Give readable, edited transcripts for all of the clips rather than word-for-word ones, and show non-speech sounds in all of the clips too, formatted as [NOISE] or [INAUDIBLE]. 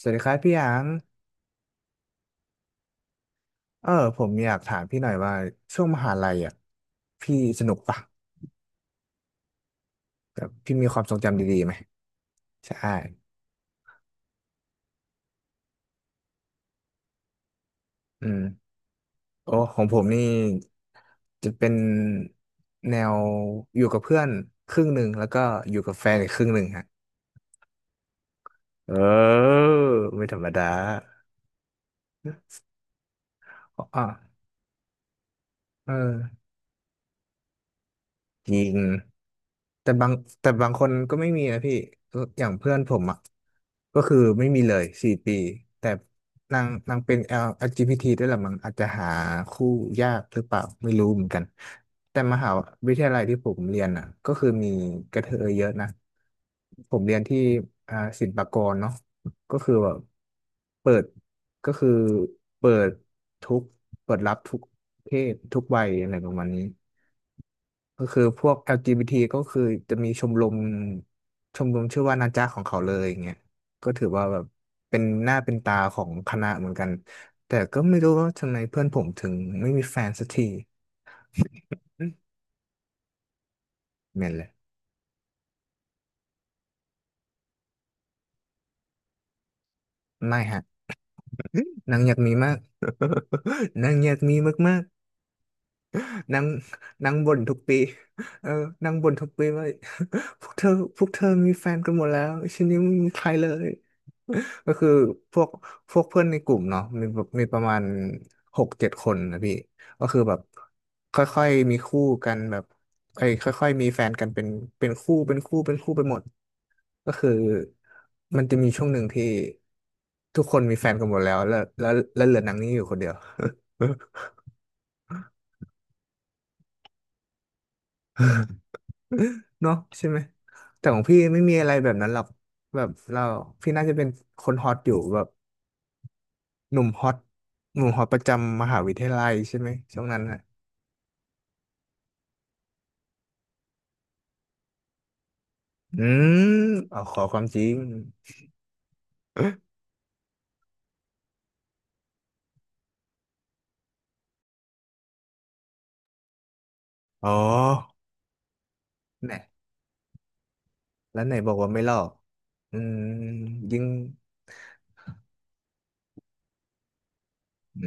สวัสดีครับพี่หยางเออผมอยากถามพี่หน่อยว่าช่วงมหาลัยอ่ะพี่สนุกปะแบบพี่มีความทรงจำดีๆไหมใช่ อืมโอ้ของผมนี่จะเป็นแนวอยู่กับเพื่อนครึ่งหนึ่งแล้วก็อยู่กับแฟนอีกครึ่งหนึ่งฮะเออไม่ธรรมดาอ๋อเออจริง แต่บางแต่บางคนก็ไม่มีนะพี่อย่างเพื่อนผมอ่ะก็คือไม่มีเลยสี่ปีแต่นางเป็น LGBT ด้วยแหละมั้งอาจจะหาคู่ยากหรือเปล่าไม่รู้เหมือนกันแต่มหาวิทยาลัยที่ผมเรียนอ่ะก็คือมีกระเทยเยอะนะผมเรียนที่อ่าศิลปากรเนาะก็คือแบบเปิดก็คือเปิดทุกเปิดรับทุกเพศทุกวัยอะไรประมาณนี้ ก็คือพวก LGBT ก็คือจะมีชมรมชื่อว่านาจาของเขาเลยอย่างเงี้ยก็ถือว่าแบบเป็นหน้าเป็นตาของคณะเหมือนกันแต่ก็ไม่รู้ว่าทำไมเพื่อนผมถึงไม่มีแฟนสักทีอืมเหม็นเลยไม่ฮะนางอยากมีมาก [LAUGHS] นางอยากมีมากๆ นั่งนั่งบ่นทุกปีเออนั่งบ่นทุกปีว่า [LAUGHS] พวกเธอพวกเธอมีแฟนกันหมดแล้วฉันยังไม่มีใครเลย [LAUGHS] ก็คือพวกพวกเพื่อนในกลุ่มเนาะมีแบบมีประมาณหกเจ็ดคนนะพี่ ก็คือแบบค่อยๆมีคู่กันแบบไอ้ยค่อยๆมีแฟนกันเป็นคู่เป็นคู่เป็นคู่ไปหมดก็คือมันจะมีช่วงหนึ่งที่ทุกคนมีแฟนกันหมดแล้วเหลือนางนี้อยู่คนเดียว [LAUGHS] เนาะใช่ไหมแต่ของพี่ไม่มีอะไรแบบนั้นหรอกแบบเราพี่น่าจะเป็นคนฮอตอยู่แบบหนุ่มฮอตหนุ่มฮอตประจำมหาวิทยาลัยใช่ไหมช่วงนั้นอ่ะอืมเอาขอความจริงอ๋อแน่แล้วไหนบอกว่าไม่หลอกอืมยิ่งอื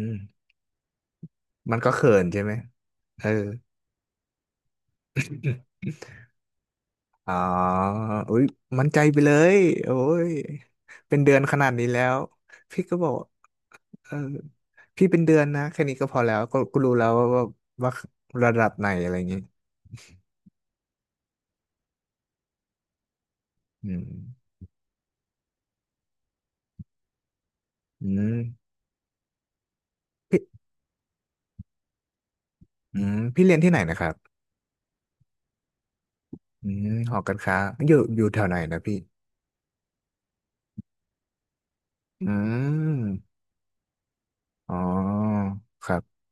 มมันก็เขินใช่ไหมเออ อ๋ออุ้ยมั่นใจไปเลยโอ้ยเป็นเดือนขนาดนี้แล้วพี่ก็บอกเออพี่เป็นเดือนนะแค่นี้ก็พอแล้วก็ก็รู้แล้วว่าระดับไหนอะไรอย่างงี้อืมอืมพี่อืมพี่เรียนที่ไหนนะครับอืมหอการค้าอยู่แถวไหนนะพี่อืมอ๋อครับ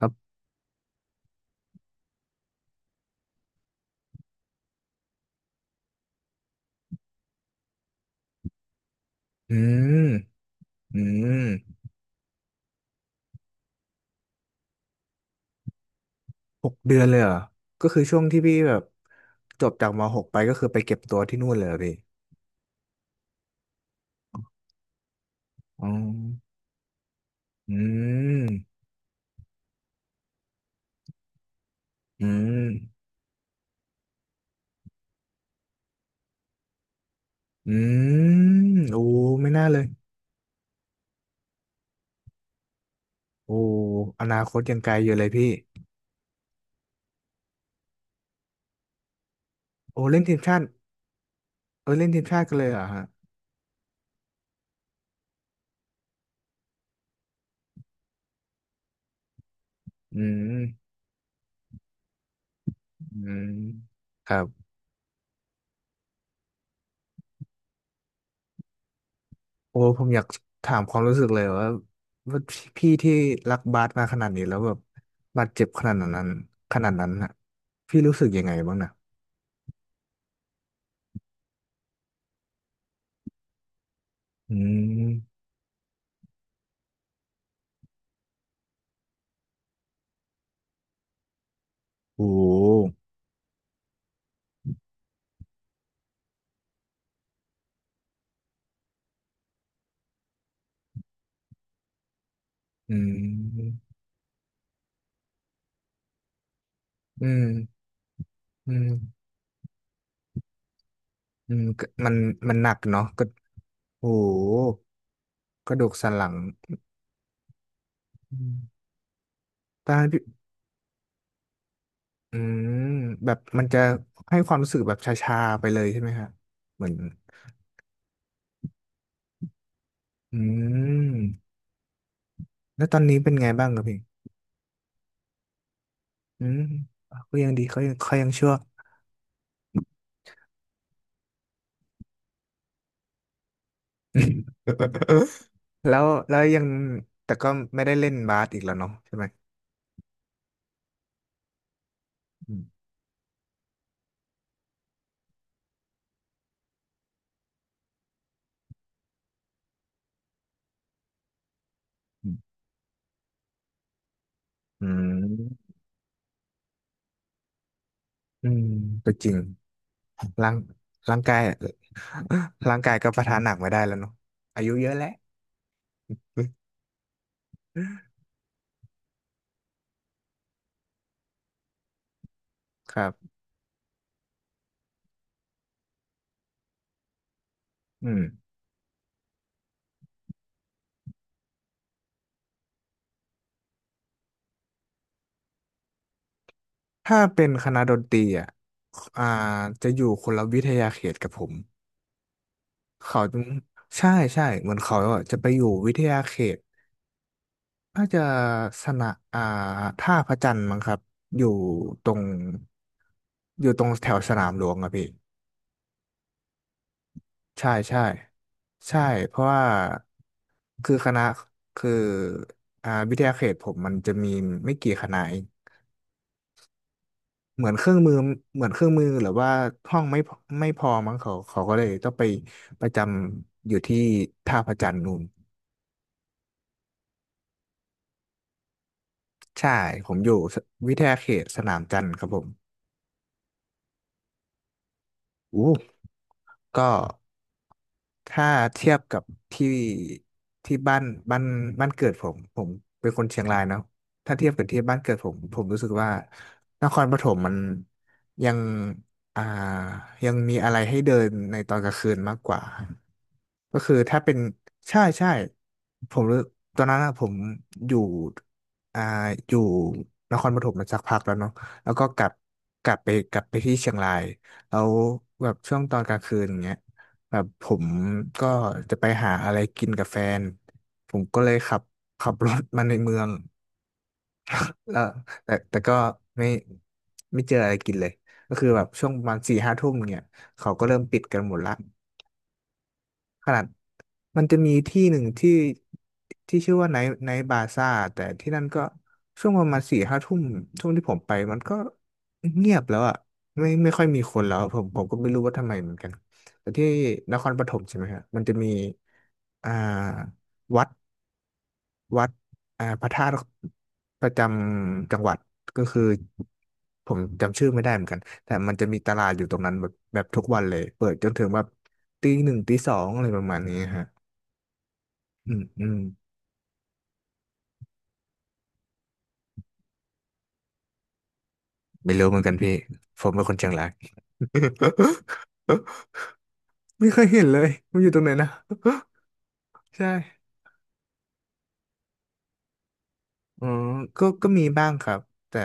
ครับอืมอืมหกเดือนเลยเหรอก็คือช่วงที่พี่แบบจบจากมหกไปก็คือไปเก็บตัวที่นู่นเลยเหรอพี่ อ๋ออืมอืมอืมโอ้ไม่น่าเลย โอ้อนาคตยังไกลอยู่เลยพี่โอ้เล่นทีมชาติเออเล่นทีมชาติกันเลยเหรอฮะอืมอืมครับโอ้ผมอยากถามความรู้สึกเลยว่าพี่ที่รักบาสมาขนาดนี้แล้วแบบบาดเจ็บขนาดนั้นน่ะพี่รู้สึกยังไงบ้างนะอืมโอ้อืมอืมอืมอืมก็มันหนักเนาะก็ โอ้โหกระดูกสันหลังอืมถ้าพี่อืมแบบมันจะให้ความรู้สึกแบบชาๆไปเลยใช่ไหมครับเหมือนอืมแล้วตอนนี้เป็นไงบ้างครับพี่อืมก็ยังดีเขายังชั่ว [LAUGHS] แล้วแล้วยังแต่ก็ไม่ได้เล่นบาสอีกแล้วเนาะใช่ไหมอืมอืมอืมอืมก็จริงร่างร่างกายร่างกายก็ประทานหนักไม่ได้แล้วเนาะอายุเยอะแล้วครับอืม ถ้าเป็นคณะดนตรีอ่ะอ่าจะอยู่คนละวิทยาเขตกับผมเขาจะใช่ใช่เหมือนเขาอะจะไปอยู่วิทยาเขตน่าจะสนะอ่าท่าพระจันทร์มั้งครับอยู่ตรงอยู่ตรงแถวสนามหลวงอะพี่ ใช่ใช่ใช่เพราะว่าคือคณะคืออ่าวิทยาเขตผมมันจะมีไม่กี่คณะเอง เหมือนเครื่องมือเหมือนเครื่องมือหรือว่าห้องไม่พอไม่พอมั้งเขาก็เลยต้องไปประจำอยู่ที่ท่าพระจันทร์นู่นใช่ผมอยู่วิทยาเขตสนามจันทร์ครับผมอู้ก็ ถ้าเทียบกับที่ที่บ้านบ้านเกิดผมผมเป็นคนเชียงรายเนาะถ้าเทียบกับที่บ้านเกิดผมผมรู้สึกว่านครปฐมมันยังอ่ายังมีอะไรให้เดินในตอนกลางคืนมากกว่าก็คือถ้าเป็นใช่ใช่ผมรู้ตอนนั้นอะผมอยู่อ่าอยู่นครปฐมมาสักพักแล้วเนาะแล้วก็กลับกลับไปที่เชียงรายแล้วแบบช่วงตอนกลางคืนอย่างเงี้ย แบบผมก็จะไปหาอะไรกินกับแฟน ผมก็เลยขับรถมาในเมืองแล้วแต่ก็ไม่ไม่เจออะไรกินเลยก็คือแบบช่วงประมาณสี่ห้าทุ่มเนี่ยเขาก็เริ่มปิดกันหมดละ ขนาดมันจะมีที่หนึ่งที่ที่ชื่อว่าไนท์บาซ่าแต่ที่นั่นก็ช่วงประมาณสี่ห้าทุ่มช่วงที่ผมไปมันก็เงียบแล้วอ่ะไม่ค่อยมีคนแล้วผมก็ไม่รู้ว่าทำไมเหมือนกันแต่ที่นครปฐมใช่ไหมครับมันจะมีอ่าวัดวัดอ่าพระธาตุประจำจังหวัดก็คือผมจำชื่อไม่ได้เหมือนกันแต่มันจะมีตลาดอยู่ตรงนั้นแบบแบบทุกวันเลยเปิดจนถึงแบบตีหนึ่งตีสองอะไรประมาณนี้ฮะ อืมอืมไม่รู้เหมือนกันพี่ผมเป็นคนเชียงราย [LAUGHS] ไม่เคยเห็นเลยมันอยู่ตรงไหนนะใช่อืมก็ก็มีบ้างครับแต่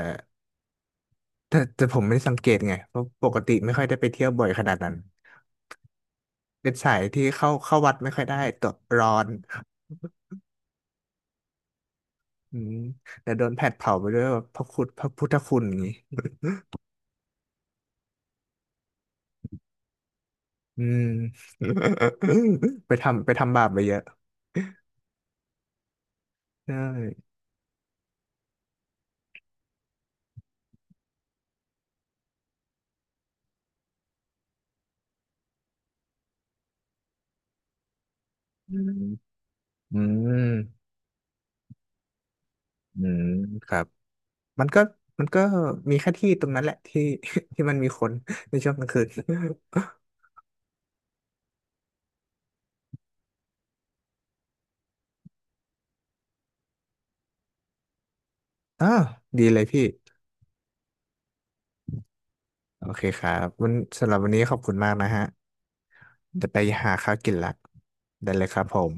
แต่ผมไม่สังเกตไงเพราะปกติไม่ค่อยได้ไปเที่ยวบ่อยขนาดนั้นเป็นสายที่เข้าวัดไม่ค่อยได้ตัวร้อนอืมแต่โดนแผดเผาไปด้วยแบบพระคุณพระพุทธคุณอย่างนี้อืม [LAUGHS] ไปทำบาปไปเยอะใช่อืมอืมอืมครับ มันก็มันก็มีแค่ที่ตรงนั้นแหละที่ [LAUGHS] ที่มันมีคนในช่วงกลางคืนอ้าวดีเลยพี่โอเคครับวันสำหรับวันนี้ขอบคุณมากนะฮะจะไปหาข้าวกินละได้เลยครับผม